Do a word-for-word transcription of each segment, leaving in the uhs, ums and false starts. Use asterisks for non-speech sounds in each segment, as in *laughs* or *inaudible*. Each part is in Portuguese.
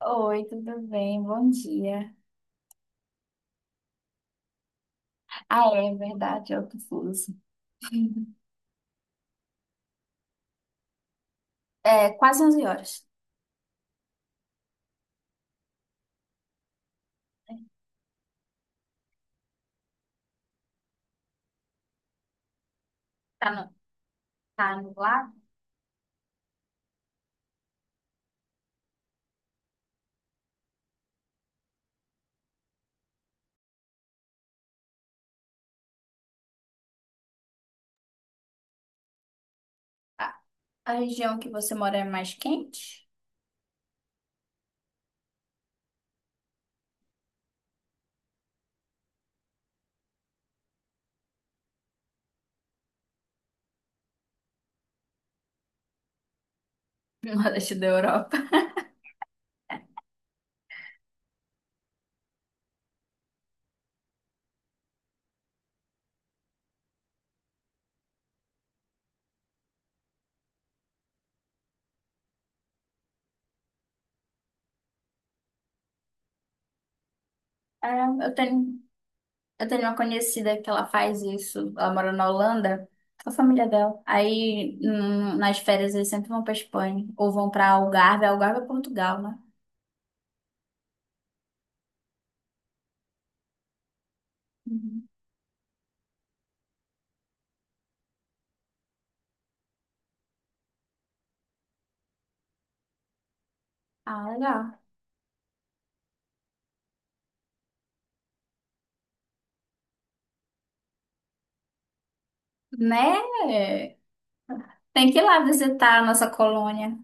Oi, tudo bem? Bom dia. Ah, é verdade, é outro fuso. *laughs* É quase onze horas. Tá, no Tá nublado? A, a região que você mora é mais quente? *laughs* No leste da Europa. É, eu tenho, eu tenho uma conhecida que ela faz isso. Ela mora na Holanda, com a família dela. Aí, hum, nas férias, eles sempre vão pra Espanha. Ou vão pra Algarve. Algarve é Portugal, né? Uhum. Ah, legal. Né? Tem que ir lá visitar a nossa colônia.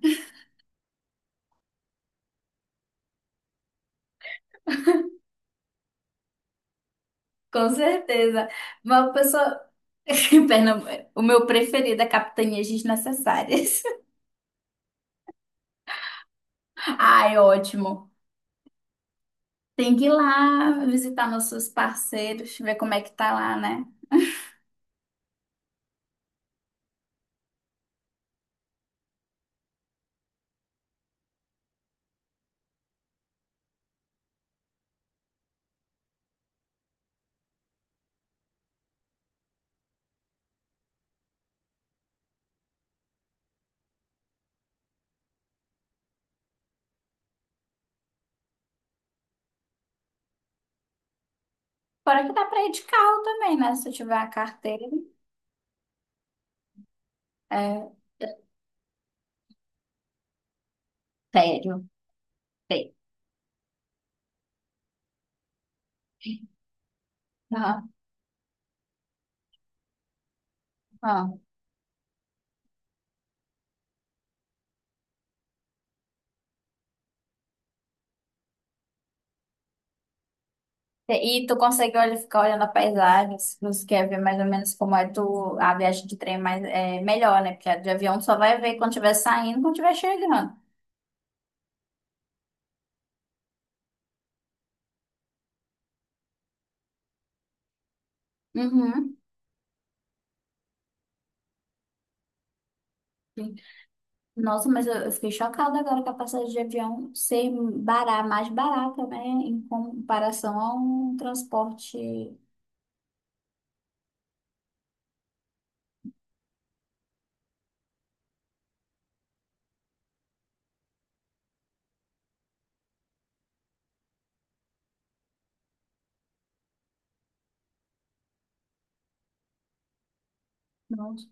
Com certeza. Uma pessoa. *laughs* Em Pernambuco, o meu preferido é Capitanias Desnecessárias. *laughs* Ai, ótimo. Tem que ir lá visitar nossos parceiros, ver como é que tá lá, né? Fora que dá pra ir de carro também, né? Se eu tiver a carteira. É, sério. Tem. Aham, aham. E tu consegue, olha, ficar olhando a paisagem, se você quer ver mais ou menos como é tu, a viagem de trem, mas é melhor, né? Porque a de avião tu só vai ver quando estiver saindo, quando estiver chegando. Uhum. Nossa, mas eu, eu fiquei chocada agora com a passagem de avião ser bará, mais barata, né? Em comparação ao transporte. Nossa.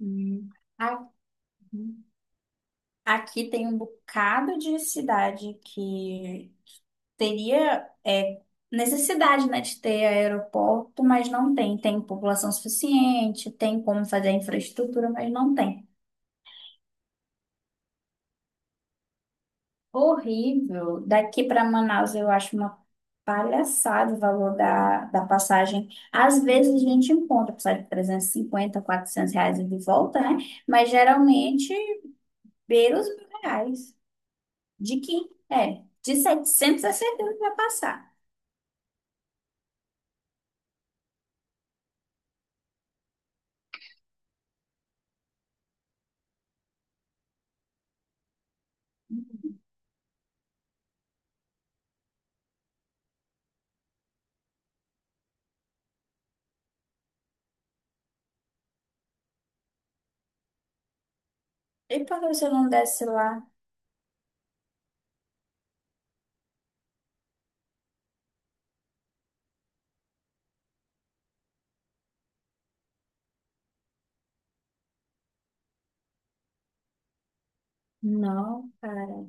Hum. A- Aqui tem um bocado de cidade que teria, é, necessidade, né, de ter aeroporto, mas não tem. Tem população suficiente, tem como fazer a infraestrutura, mas não tem. Horrível. Daqui para Manaus eu acho uma palhaçada o valor da, da passagem. Às vezes a gente encontra passagem de trezentos e cinquenta, quatrocentos reais e de volta, né? Mas geralmente beira os mil reais. De que? É, de setecentos a certeza que vai passar. E por que você não desce lá? Não, cara.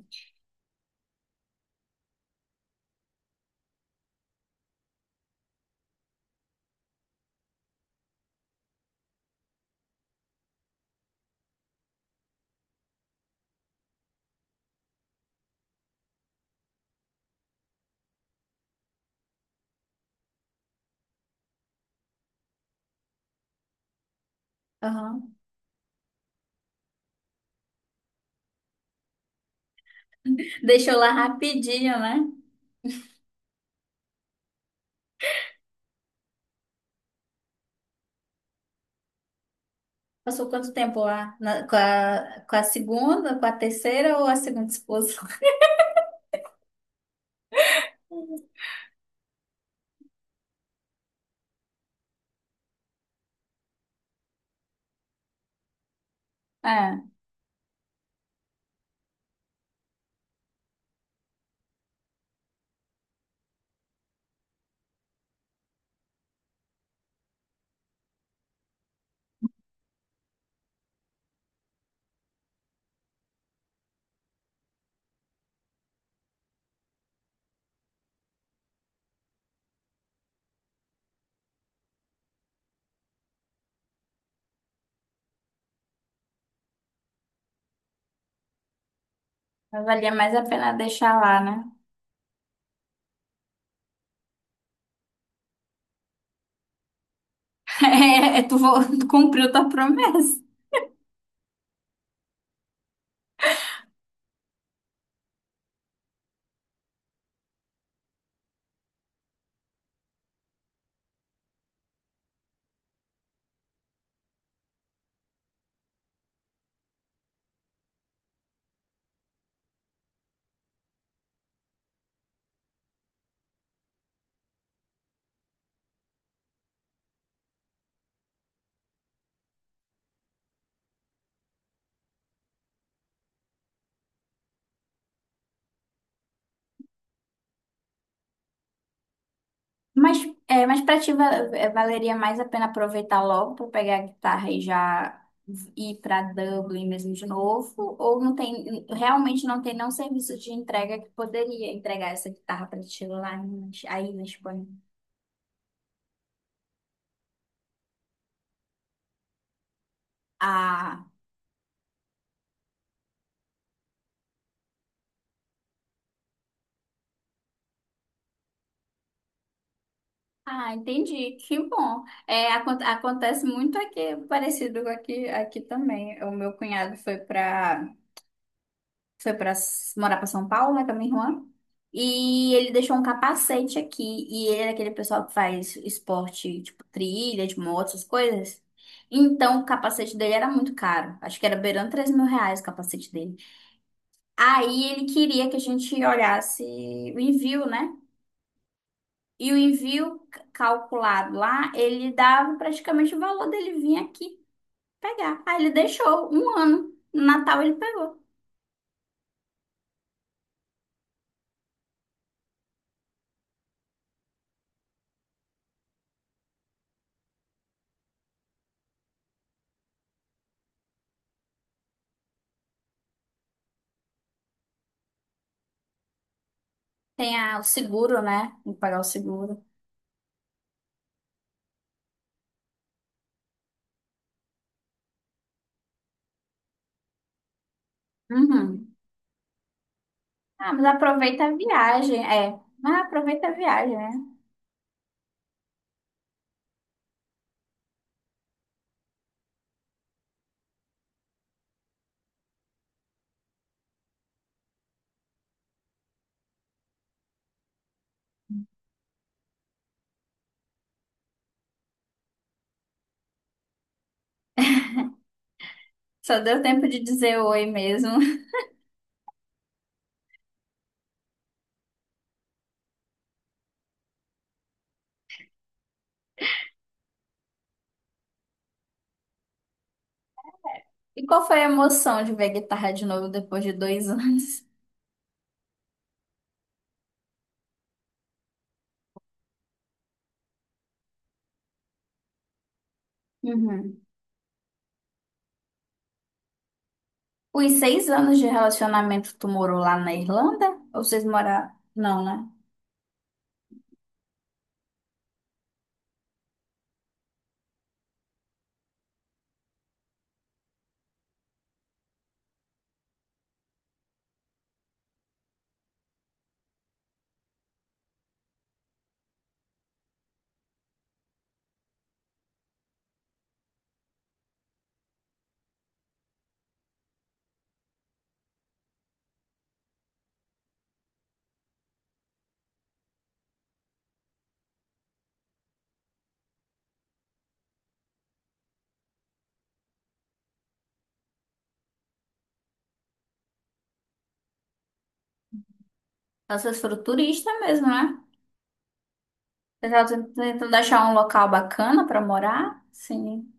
Aham. Deixou lá rapidinho, né? Passou quanto tempo lá? Na- com a, com a, segunda, com a terceira ou a segunda esposa? *laughs* É, mas valia mais a pena deixar lá, né? É, é, tu, vo- *laughs* tu cumpriu tua promessa. Mas, é, mas pra ti va- é, valeria mais a pena aproveitar logo pra pegar a guitarra e já ir pra Dublin mesmo de novo? Ou não tem, realmente não tem nenhum serviço de entrega que poderia entregar essa guitarra pra ti lá em- aí na Espanha? Ah, ah, entendi. Que bom. É, acon- acontece muito aqui, parecido com aqui, aqui também. O meu cunhado foi para foi para morar para São Paulo, né, com a minha irmã. E ele deixou um capacete aqui. E ele é aquele pessoal que faz esporte, tipo trilha, de moto, essas coisas. Então, o capacete dele era muito caro. Acho que era beirando três mil reais o capacete dele. Aí ele queria que a gente olhasse o envio, né? E o envio c- calculado lá, ele dava praticamente o valor dele vir aqui pegar. Aí ele deixou um ano. No Natal ele pegou. Tem a- o seguro, né? Tem que pagar o seguro. Uhum. Ah, mas aproveita a viagem, é. Mas aproveita a viagem, né? Só deu tempo de dizer oi mesmo. *laughs* E qual foi a emoção de ver a guitarra de novo depois de dois *laughs* anos? Uhum. Os seis anos de relacionamento, tu morou lá na Irlanda? Ou vocês moraram? Não, né? Então, vocês foram turista mesmo, né? Vocês estavam tentando achar um local bacana pra morar? Sim.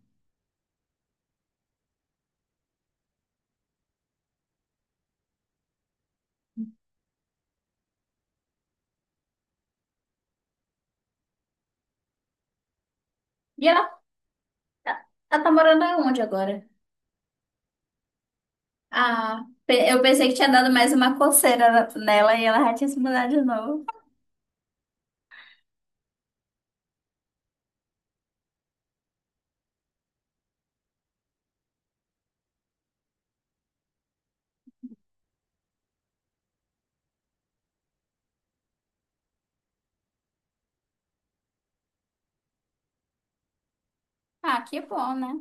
E ela, ela tá morando onde agora? Ah, pe- eu pensei que tinha dado mais uma coceira na- nela e ela já tinha se mudado de novo. Ah, que bom, né?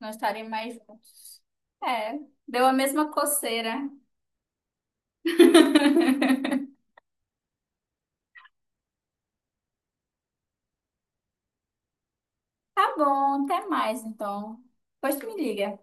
Nós estaremos mais juntos. É, deu a mesma coceira. *laughs* Tá bom, até mais então. Depois tu me liga.